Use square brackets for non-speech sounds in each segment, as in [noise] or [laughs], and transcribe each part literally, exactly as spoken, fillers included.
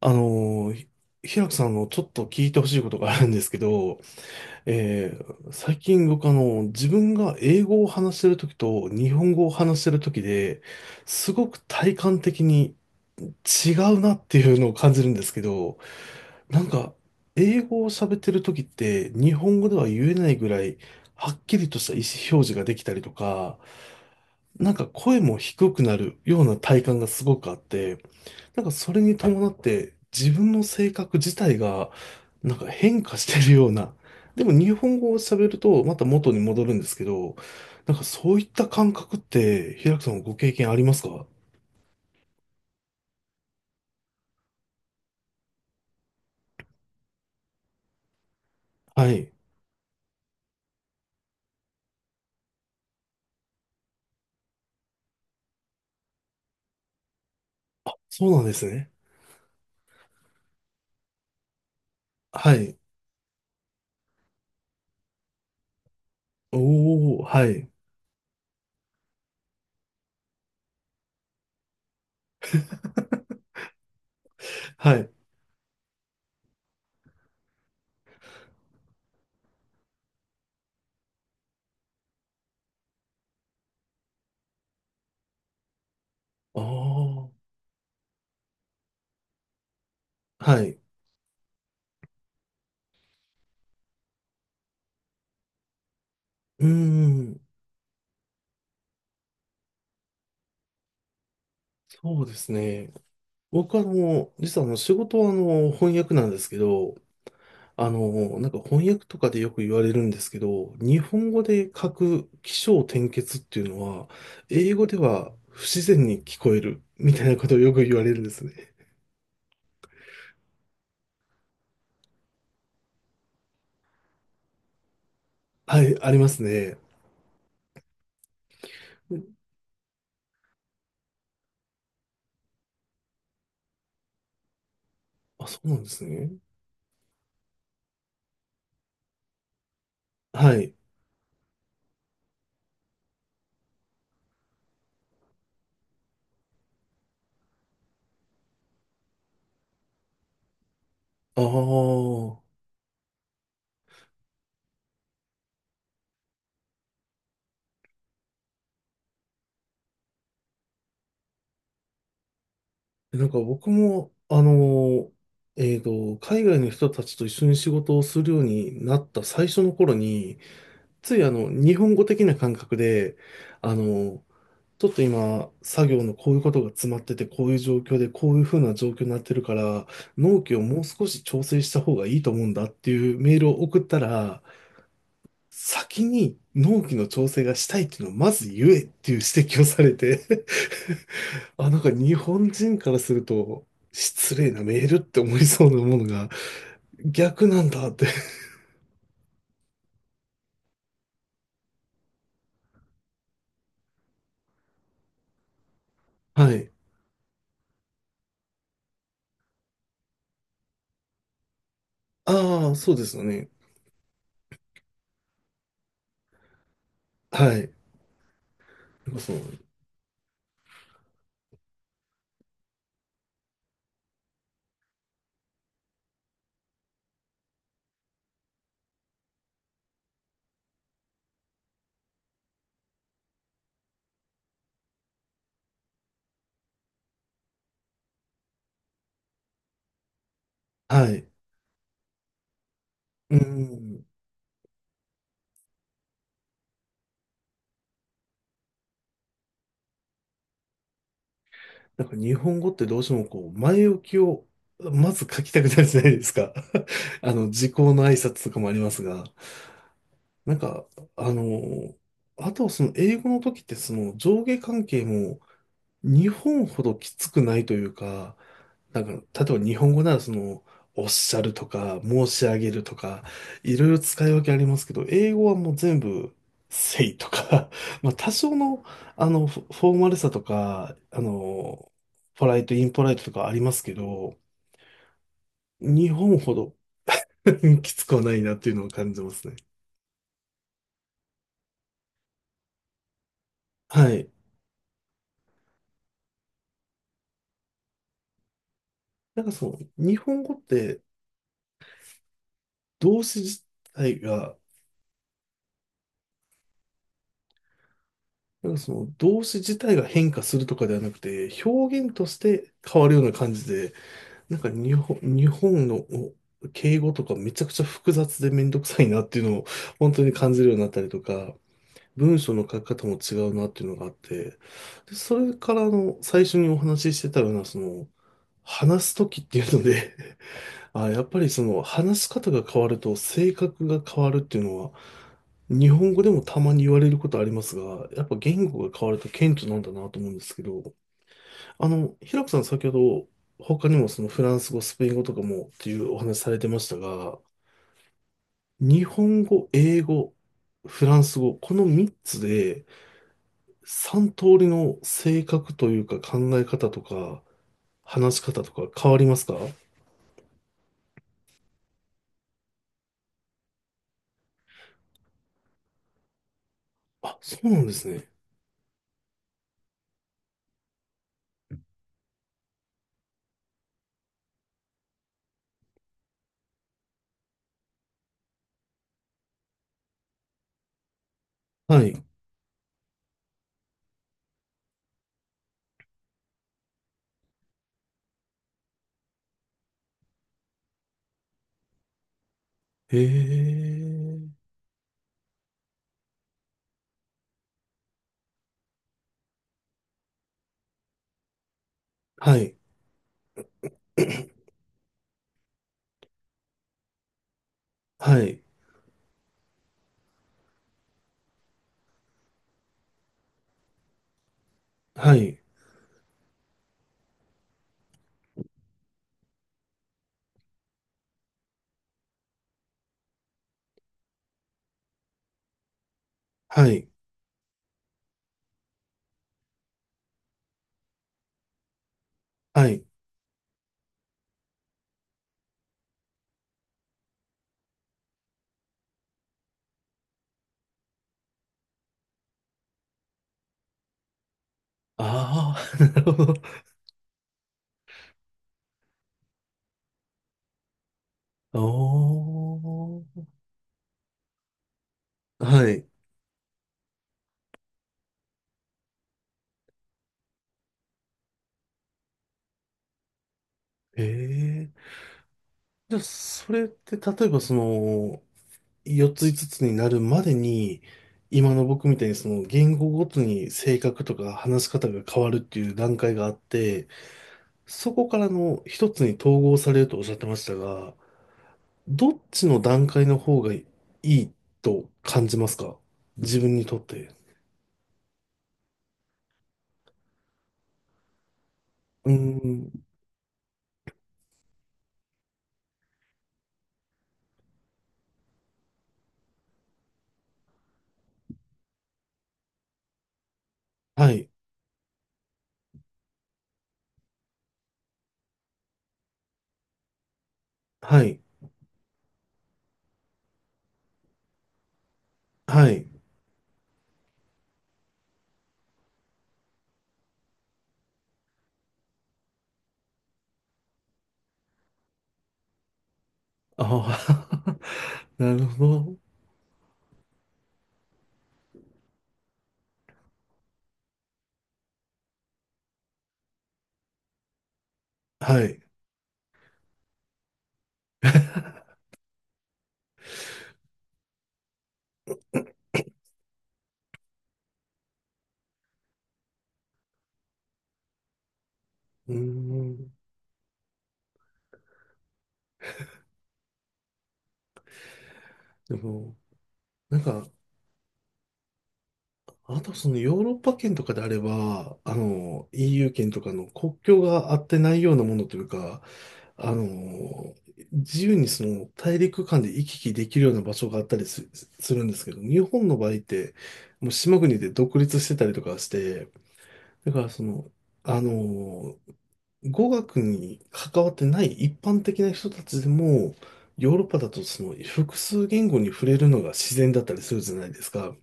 あのー、ひ平くさんのちょっと聞いてほしいことがあるんですけど、えー最近僕あの、自分が英語を話してるときと日本語を話してるときで、すごく体感的に違うなっていうのを感じるんですけど、なんか、英語を喋ってるときって日本語では言えないぐらい、はっきりとした意思表示ができたりとか、なんか声も低くなるような体感がすごくあって、なんかそれに伴って自分の性格自体がなんか変化してるような。でも日本語を喋るとまた元に戻るんですけど、なんかそういった感覚って平木さんもご経験ありますか？はい。そうなんですね。はい。おー、はい。はい。ああ、はい。うーん、そうですね。僕はあの、実はあの仕事はあの翻訳なんですけど、あの、なんか翻訳とかでよく言われるんですけど、日本語で書く起承転結っていうのは、英語では不自然に聞こえるみたいなことをよく言われるんですね。はい、ありますね。あ、そうなんですね。はい。ああ。なんか僕も、あの、えっと、海外の人たちと一緒に仕事をするようになった最初の頃に、ついあの、日本語的な感覚で、あの、ちょっと今、作業のこういうことが詰まってて、こういう状況で、こういうふうな状況になってるから、納期をもう少し調整した方がいいと思うんだっていうメールを送ったら、先に納期の調整がしたいっていうのをまず言えっていう指摘をされて [laughs] あ、なんか日本人からすると、失礼なメールって思いそうなものが逆なんだって。はい。ああ、そうですよね。はい。そう。はい。うん。なんか日本語ってどうしてもこう、前置きをまず書きたくなるじゃないですか。[laughs] あの、時効の挨拶とかもありますが、なんか、あの、あとはその英語の時ってその上下関係も日本ほどきつくないというか、なんか、例えば日本語ならその、おっしゃるとか、申し上げるとか、いろいろ使い分けありますけど、英語はもう全部、say とか、[laughs] まあ多少の、あの、フォフォーマルさとか、あの、ポライト、インポライトとかありますけど、日本ほど [laughs] きつくはないなっていうのを感じますね。はい。なんかその、日本語って動詞自体がなんかその動詞自体が変化するとかではなくて、表現として変わるような感じで、なんか日本、日本の敬語とかめちゃくちゃ複雑でめんどくさいなっていうのを本当に感じるようになったりとか、文章の書き方も違うなっていうのがあって、で、それからあの最初にお話ししてたような、その、話すときっていうのであ、やっぱりその話し方が変わると性格が変わるっていうのは、日本語でもたまに言われることありますが、やっぱ言語が変わると顕著なんだなと思うんですけど、あの、平子さん先ほど他にもそのフランス語、スペイン語とかもっていうお話されてましたが、日本語、英語、フランス語、このみっつでさん通りの性格というか考え方とか話し方とか変わりますか？あ、そうなんですね。はい。へえ。はい、はい、はい、はい、はい。ああ、[laughs] なるほど。おー。はい。ええ。じゃあ、それって、例えば、その、よっついつつつになるまでに、今の僕みたいに、その、言語ごとに性格とか話し方が変わるっていう段階があって、そこからのひとつに統合されるとおっしゃってましたが、どっちの段階の方がいいと感じますか自分にとって？うーん。はい。はい。はい。ああ、[laughs] なるほど。はい。うーん。でも、なんか、あとそのヨーロッパ圏とかであれば、あの、イーユー 圏とかの国境があってないようなものというか、あの、自由にその大陸間で行き来できるような場所があったりす、するんですけど、日本の場合って、もう島国で独立してたりとかして、だからその、あの、語学に関わってない一般的な人たちでも、ヨーロッパだとその複数言語に触れるのが自然だったりするじゃないですか。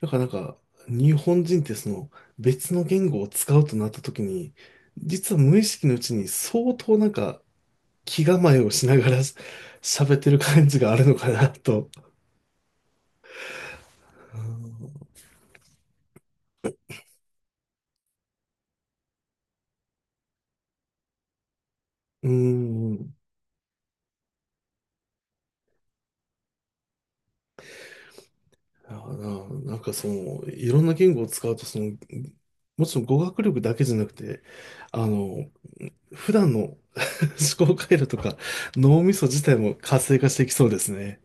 だからなんか、日本人ってその別の言語を使うとなった時に、実は無意識のうちに相当なんか気構えをしながら [laughs] し喋ってる感じがあるのかなと。うーん。うん。だからな、なんかその、いろんな言語を使うと、その、もちろん語学力だけじゃなくて、あの、普段の [laughs] 思考回路とか脳みそ自体も活性化していきそうですね。